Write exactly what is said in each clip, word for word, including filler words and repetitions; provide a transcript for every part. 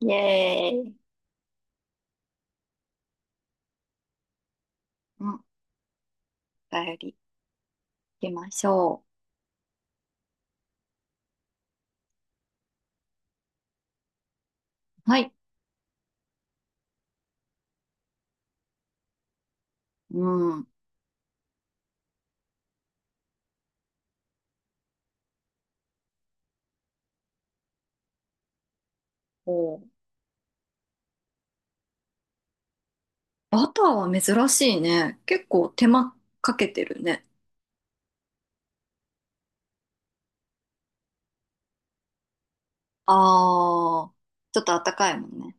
イエーイ。うん、お便り行きましょう。はい。うん。お、バターは珍しいね。結構手間かけてるね。あー、ちょっとあったかいもんね。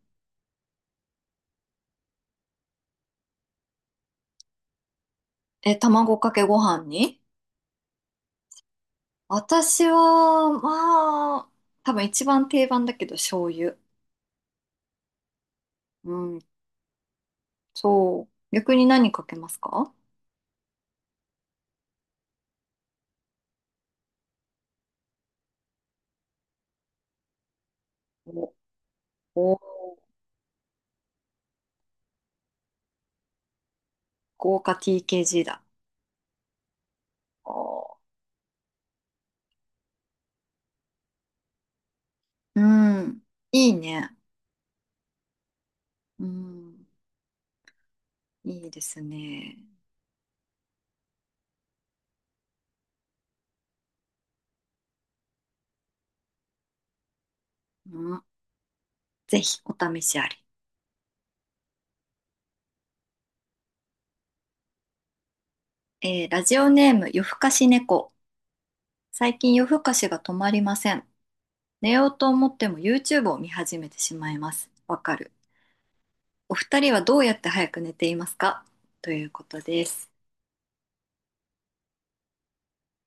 え、卵かけご飯に私は、まあ、多分一番定番だけど醤油。うん、そう。逆に何かけますか？お、お、豪華 ティーケージー だ。お、うん、いいね。うん、いいですね。うん、ぜひお試しあり。えー、ラジオネーム夜更かし猫。最近夜更かしが止まりません。寝ようと思っても YouTube を見始めてしまいます。わかる。お二人はどうやって早く寝ていますか？ということです。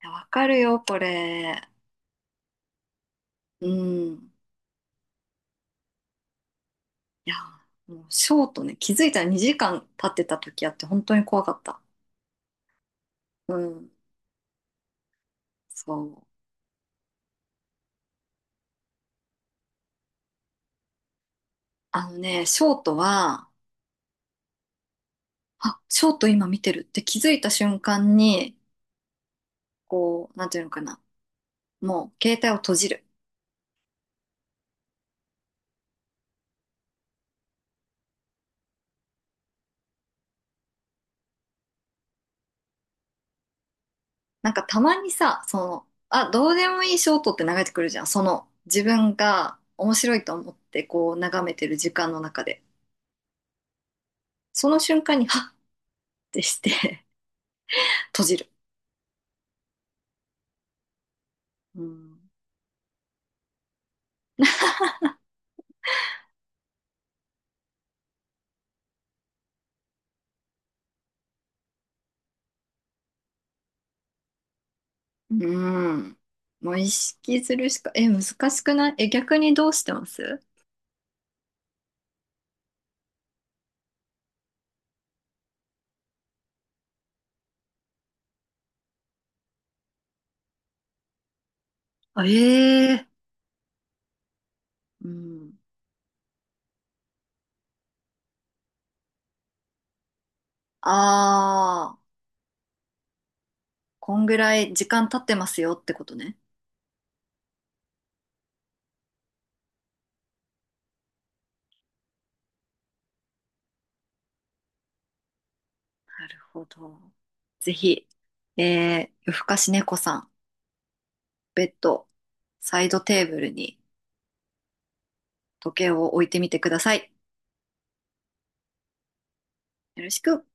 いや、わかるよ、これ。うん。いや、もうショートね、気づいたらにじかん経ってた時あって本当に怖かった。うん。そう。あのね、ショートは、あ、ショート今見てるって気づいた瞬間に、こう、なんていうのかな。もう携帯を閉じる。なんかたまにさ、その、あ、どうでもいいショートって流れてくるじゃん。その、自分が面白いと思ってこう眺めてる時間の中で。その瞬間に、はっってして 閉じる。うん。うん。もう意識するしか、え、難しくない？え、逆にどうしてます？あ、ええ、うん。ああ、こんぐらい時間経ってますよってことね。なるほど。ぜひ、えー、夜更かし猫さん。ベッド、サイドテーブルに時計を置いてみてください。よろしく。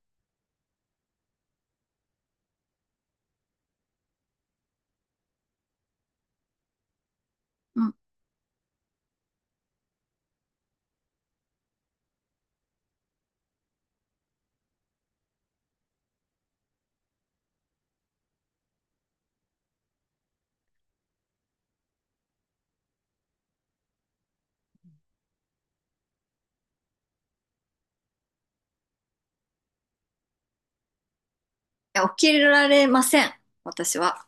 うん。いや、起きられません。私は。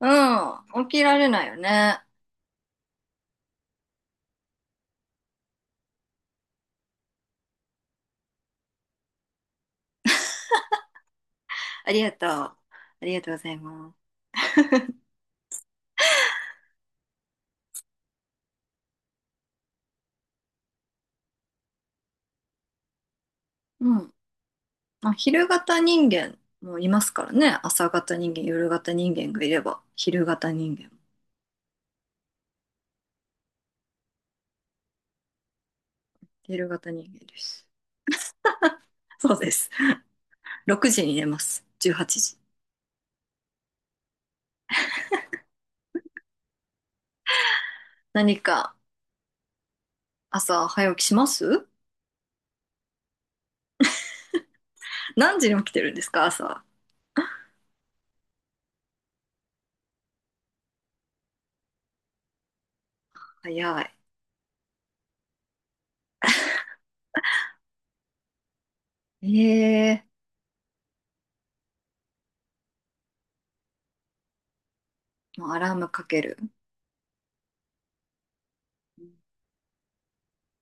うん。起きられないよね。ありがとう。ありがとうございます。うん。まあ、昼型人間もいますからね。朝型人間、夜型人間がいれば、昼型人間も。昼型人間です。そうです。ろくじに寝ます。じゅうはちじ。何か朝早起きします？何時に起きてるんですか朝。早い。ええ、もうアラームかける。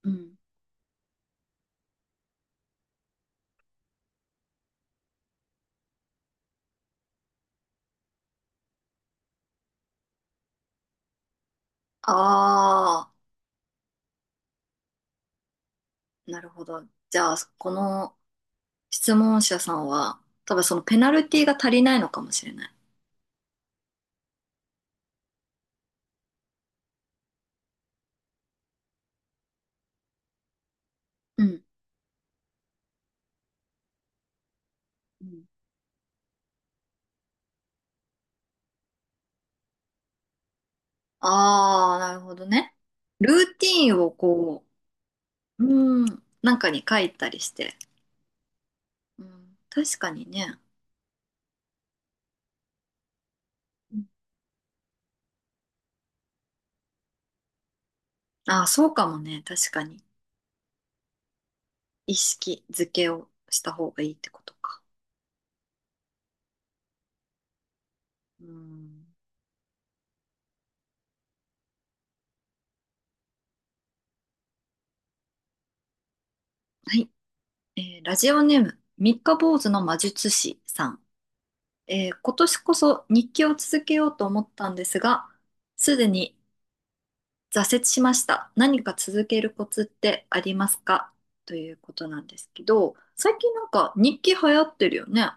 うん。ああ、なるほど。じゃあ、この質問者さんは、多分そのペナルティが足りないのかもしれない。うん。うん。ああ、なるほどね。ルーティーンをこう、うん、なんかに書いたりして。うん、確かにね。うん、ああ、そうかもね。確かに。意識づけをした方がいいってことか。うん、はい。えー、ラジオネーム、三日坊主の魔術師さん。えー今年こそ日記を続けようと思ったんですが、すでに挫折しました。何か続けるコツってありますか？ということなんですけど、最近なんか日記流行ってるよね。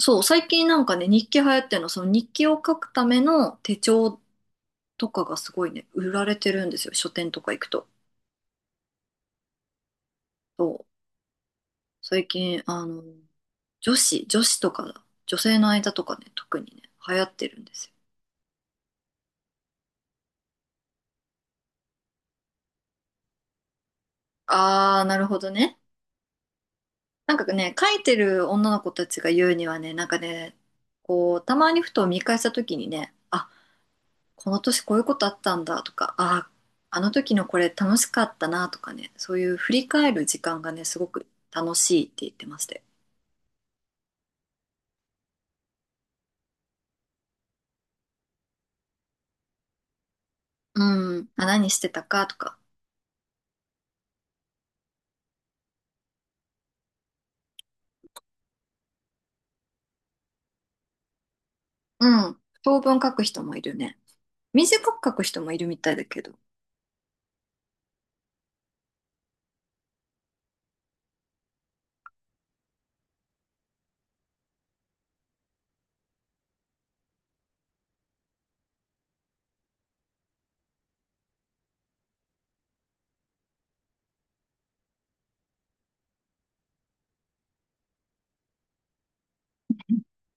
そう、最近なんかね、日記流行ってるの、その日記を書くための手帳とかがすごいね、売られてるんですよ。書店とか行くと。そう、最近、あの、女子、女子とか、女性の間とかね、特にね、流行ってるんですよ。あー、なるほどね。なんかね、書いてる女の子たちが言うにはね、なんかね、こう、たまにふと見返した時にね、あ、この年こういうことあったんだとか、あ、あの時のこれ楽しかったなとかね、そういう振り返る時間がね、すごく楽しいって言ってまして。うん。あ、何してたかとか。うん。長文書く人もいるね。短く書く人もいるみたいだけど。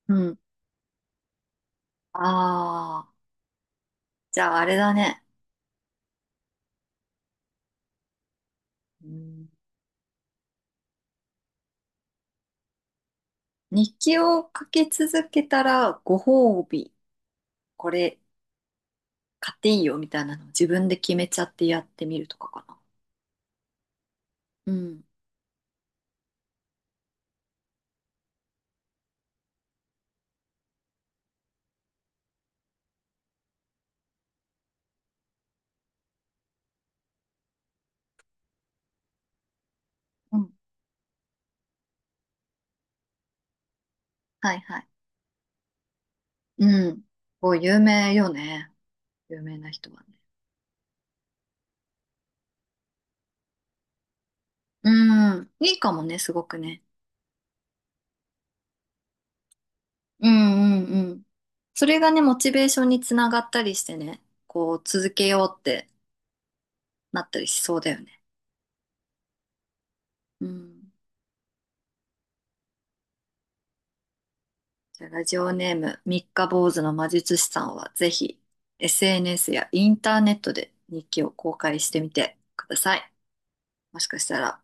うん。ああ、じゃああれだね。うん、日記を書き続けたらご褒美。これ買っていいよみたいなのを自分で決めちゃってやってみるとかかな。うん。うん、はいはい。うん。こう、有名よね。有名な人はね。うん。いいかもね、すごくね。うんうんうん。それがね、モチベーションにつながったりしてね、こう、続けようってなったりしそうだよね。うん。じゃあ、ラジオネーム、三日坊主の魔術師さんは、ぜひ、エスエヌエス やインターネットで日記を公開してみてください。もしかしたら、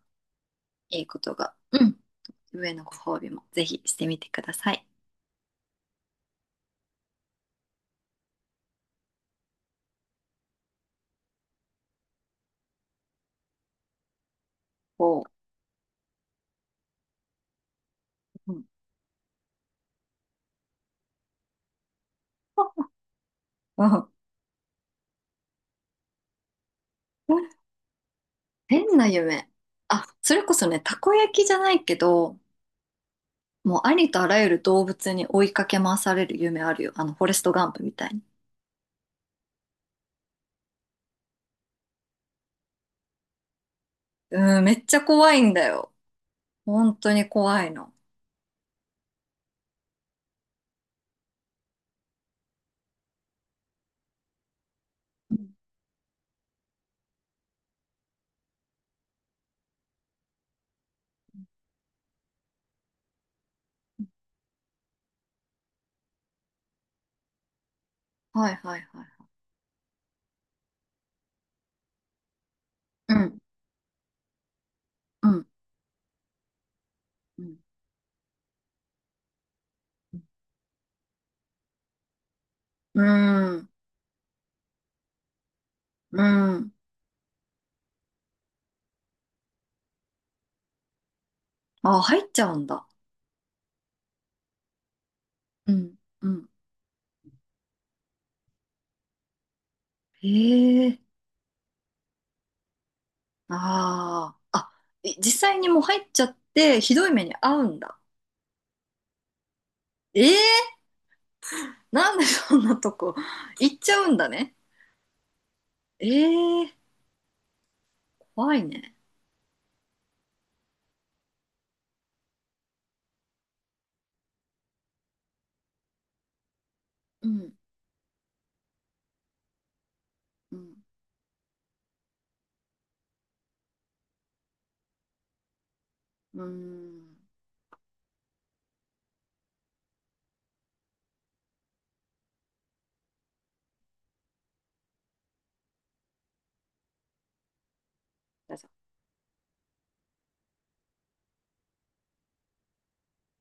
いいことが。うん、上のご褒美もぜひしてみてください。おう。うん。うん、変な夢。あ、それこそね、たこ焼きじゃないけど、もうありとあらゆる動物に追いかけ回される夢あるよ。あの、フォレストガンプみたいに。うん、めっちゃ怖いんだよ。本当に怖いの。うん、はいはいはい。うん、うん、うん、うん、うん。あ、入っちゃうんだ。うん、うん。へえ。ああ。あ、い実際にもう入っちゃって、ひどい目に遭うんだ。ええー、なんでそんなとこ行っちゃうんだね。ええー、怖いね。うん、うん、うーん。